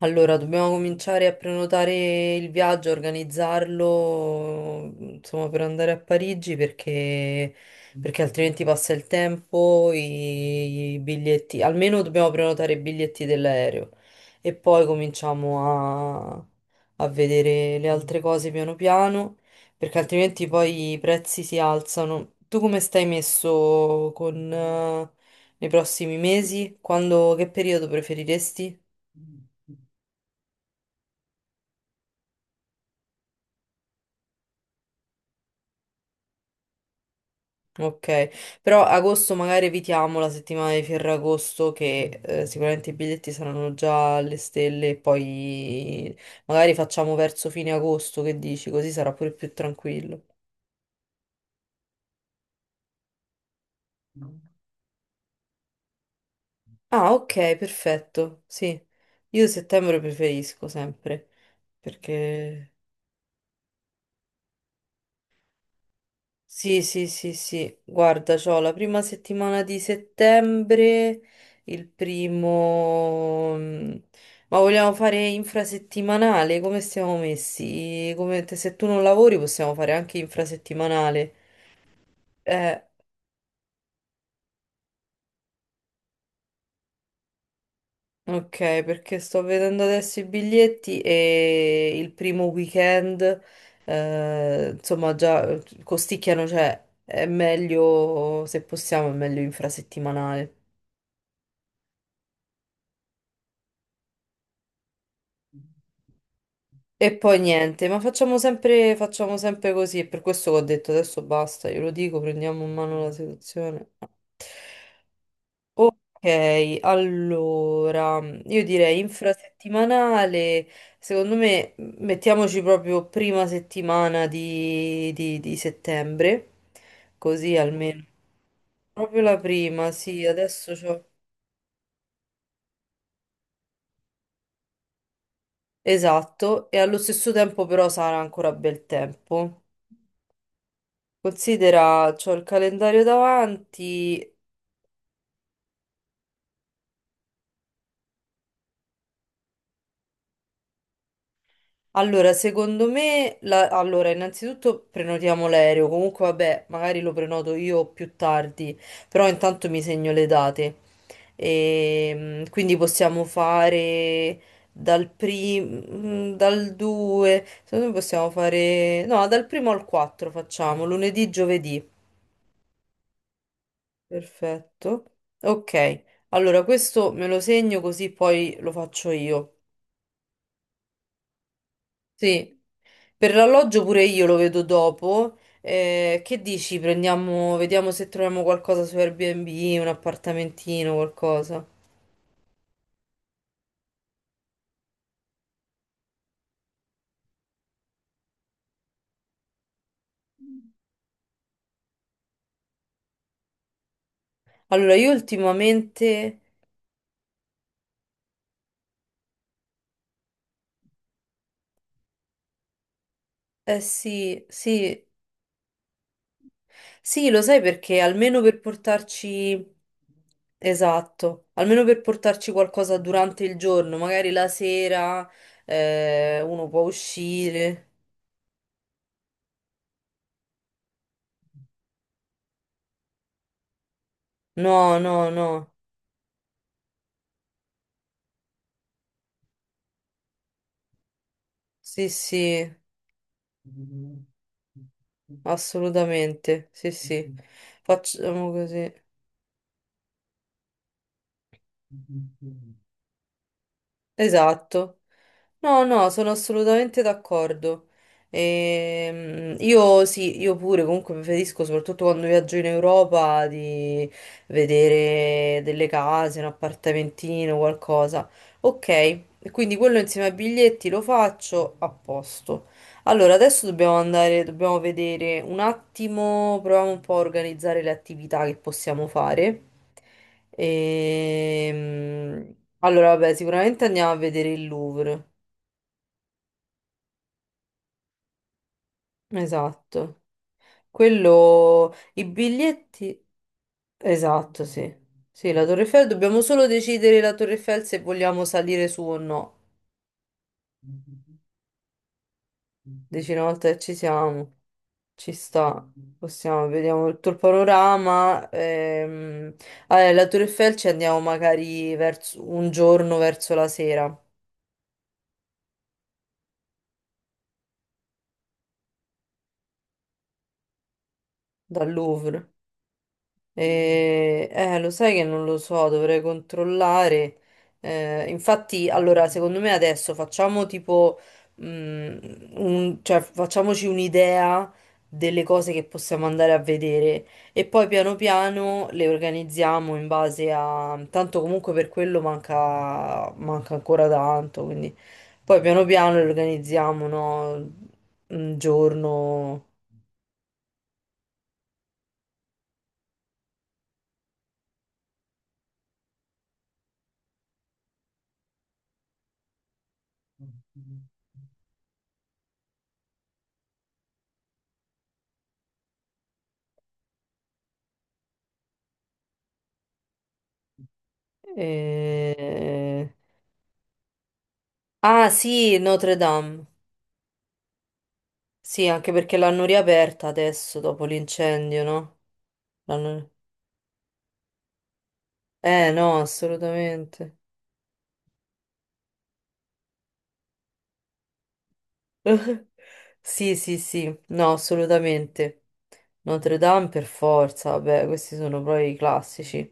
Allora, dobbiamo cominciare a prenotare il viaggio, organizzarlo, insomma, per andare a Parigi perché altrimenti passa il tempo, i biglietti, almeno dobbiamo prenotare i biglietti dell'aereo e poi cominciamo a vedere le altre cose piano piano perché altrimenti poi i prezzi si alzano. Tu come stai messo con, nei prossimi mesi? Quando, che periodo preferiresti? Ok, però agosto magari evitiamo la settimana di Ferragosto che sicuramente i biglietti saranno già alle stelle e poi magari facciamo verso fine agosto, che dici? Così sarà pure più tranquillo. Ah, ok, perfetto, sì. Io settembre preferisco sempre perché. Sì, sì, sì, sì, guarda, c'ho la prima settimana di settembre, il primo. Ma vogliamo fare infrasettimanale? Come stiamo messi? Se tu non lavori possiamo fare anche infrasettimanale. Eh, ok, perché sto vedendo adesso i biglietti e il primo weekend, insomma, già costicchiano, cioè è meglio, se possiamo, è meglio infrasettimanale. E poi niente, ma facciamo sempre così, e per questo che ho detto adesso basta, glielo dico, prendiamo in mano la situazione. Ok, allora, io direi infrasettimanale, secondo me mettiamoci proprio prima settimana di settembre, così almeno. Proprio la prima, sì, adesso c'ho. Esatto, e allo stesso tempo però sarà ancora bel tempo. Considera, c'ho il calendario davanti. Allora, secondo me, allora, innanzitutto prenotiamo l'aereo. Comunque, vabbè, magari lo prenoto io più tardi, però intanto mi segno le date. E, quindi possiamo fare dal primo, dal 2, secondo me possiamo fare, no, dal primo al 4 facciamo, lunedì, giovedì. Perfetto. Ok, allora questo me lo segno così poi lo faccio io. Sì. Per l'alloggio pure io lo vedo dopo. Che dici? Prendiamo, vediamo se troviamo qualcosa su Airbnb, un appartamentino, qualcosa. Allora, io ultimamente, eh sì, sì, sì, lo sai perché almeno per portarci, esatto, almeno per portarci qualcosa durante il giorno, magari la sera, uno può uscire. No, no, no, sì, sì. Assolutamente, sì, sì. Facciamo così. Esatto. No, no, sono assolutamente d'accordo. Io sì, io pure comunque preferisco, soprattutto quando viaggio in Europa, di vedere delle case, un appartamentino, qualcosa. Ok, e quindi quello insieme ai biglietti lo faccio a posto. Allora, adesso dobbiamo andare, dobbiamo vedere un attimo, proviamo un po' a organizzare le attività che possiamo fare. Ehm, allora, vabbè, sicuramente andiamo a vedere il Louvre. Esatto. Quello, i biglietti, esatto, sì. Sì, la Torre Eiffel, dobbiamo solo decidere la Torre Eiffel se vogliamo salire su o no. Dici una volta che ci siamo, ci sta, possiamo, vediamo tutto il panorama. Allora, la Torre Eiffel ci andiamo magari verso, un giorno verso la sera, dal Louvre. Lo sai che non lo so, dovrei controllare. Infatti, allora, secondo me adesso facciamo tipo, mm, cioè, facciamoci un'idea delle cose che possiamo andare a vedere e poi piano piano le organizziamo in base a. Tanto comunque per quello manca ancora tanto, quindi poi piano piano le organizziamo, no? Un giorno. eh, Ah sì, Notre Dame. Sì, anche perché l'hanno riaperta adesso dopo l'incendio, no? L'hanno- Eh no, assolutamente. Sì, sì, sì, no, assolutamente. Notre Dame per forza, vabbè, questi sono proprio i classici.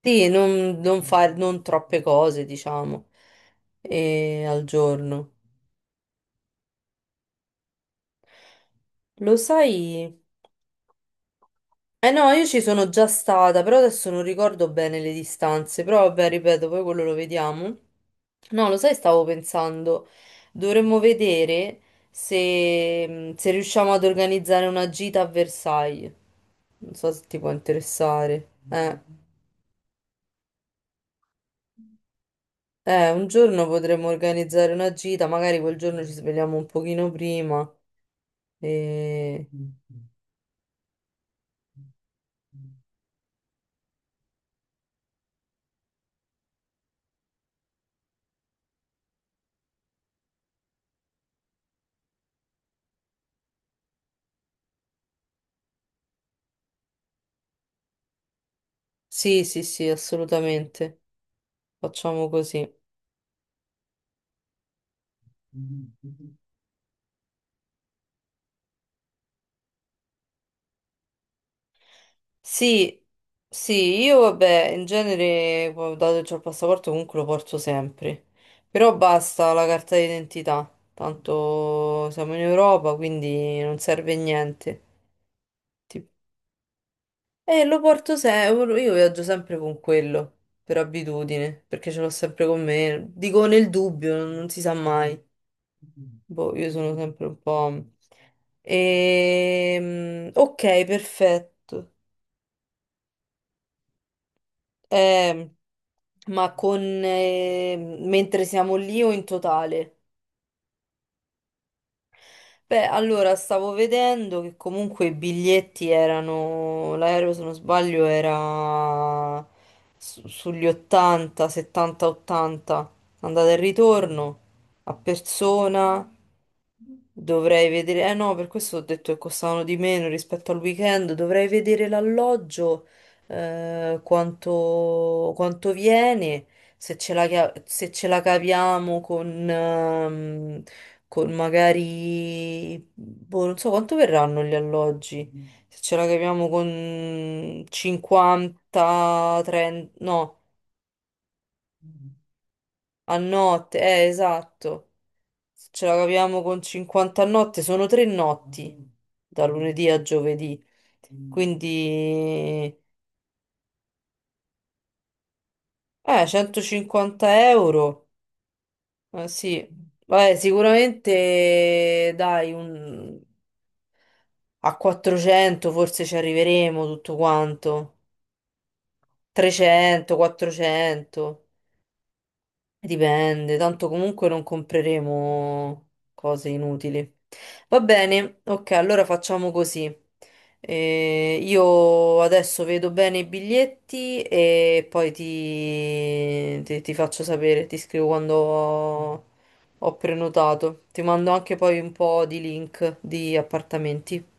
Sì, non fare non troppe cose, diciamo, al giorno. Lo sai? Eh no, io ci sono già stata, però adesso non ricordo bene le distanze, però vabbè, ripeto, poi quello lo vediamo. No, lo sai, stavo pensando, dovremmo vedere se riusciamo ad organizzare una gita a Versailles. Non so se ti può interessare. Un giorno potremmo organizzare una gita, magari quel giorno ci svegliamo un pochino prima. E. Sì, sì, sì, assolutamente. Facciamo così. Sì, sì, io vabbè, in genere, poi, dato che ho il passaporto, comunque lo porto sempre. Però basta la carta d'identità, tanto siamo in Europa, quindi non serve niente. Tipo- E lo porto sempre, io viaggio sempre con quello, per abitudine, perché ce l'ho sempre con me. Dico nel dubbio, non si sa mai. Boh, io sono sempre un po'. Ok, perfetto. Eh, ma con mentre siamo lì o in totale? Beh, allora stavo vedendo che comunque i biglietti erano, l'aereo se non sbaglio era sugli 80, 70, 80, andata e ritorno a persona. Dovrei vedere, eh no, per questo ho detto che costavano di meno rispetto al weekend. Dovrei vedere l'alloggio, quanto viene se ce la caviamo con magari, boh, non so quanto verranno gli alloggi, se ce la caviamo con 50, 30, no, a notte, esatto, se ce la caviamo con 50 a notte, sono 3 notti, da lunedì a giovedì, Mm. quindi, 150 euro, sì. Vabbè, sicuramente dai, un A 400 forse ci arriveremo tutto quanto. 300, 400. Dipende, tanto comunque non compreremo cose inutili. Va bene, ok, allora facciamo così. Io adesso vedo bene i biglietti e poi ti faccio sapere, ti scrivo quando ho prenotato. Ti mando anche poi un po' di link di appartamenti.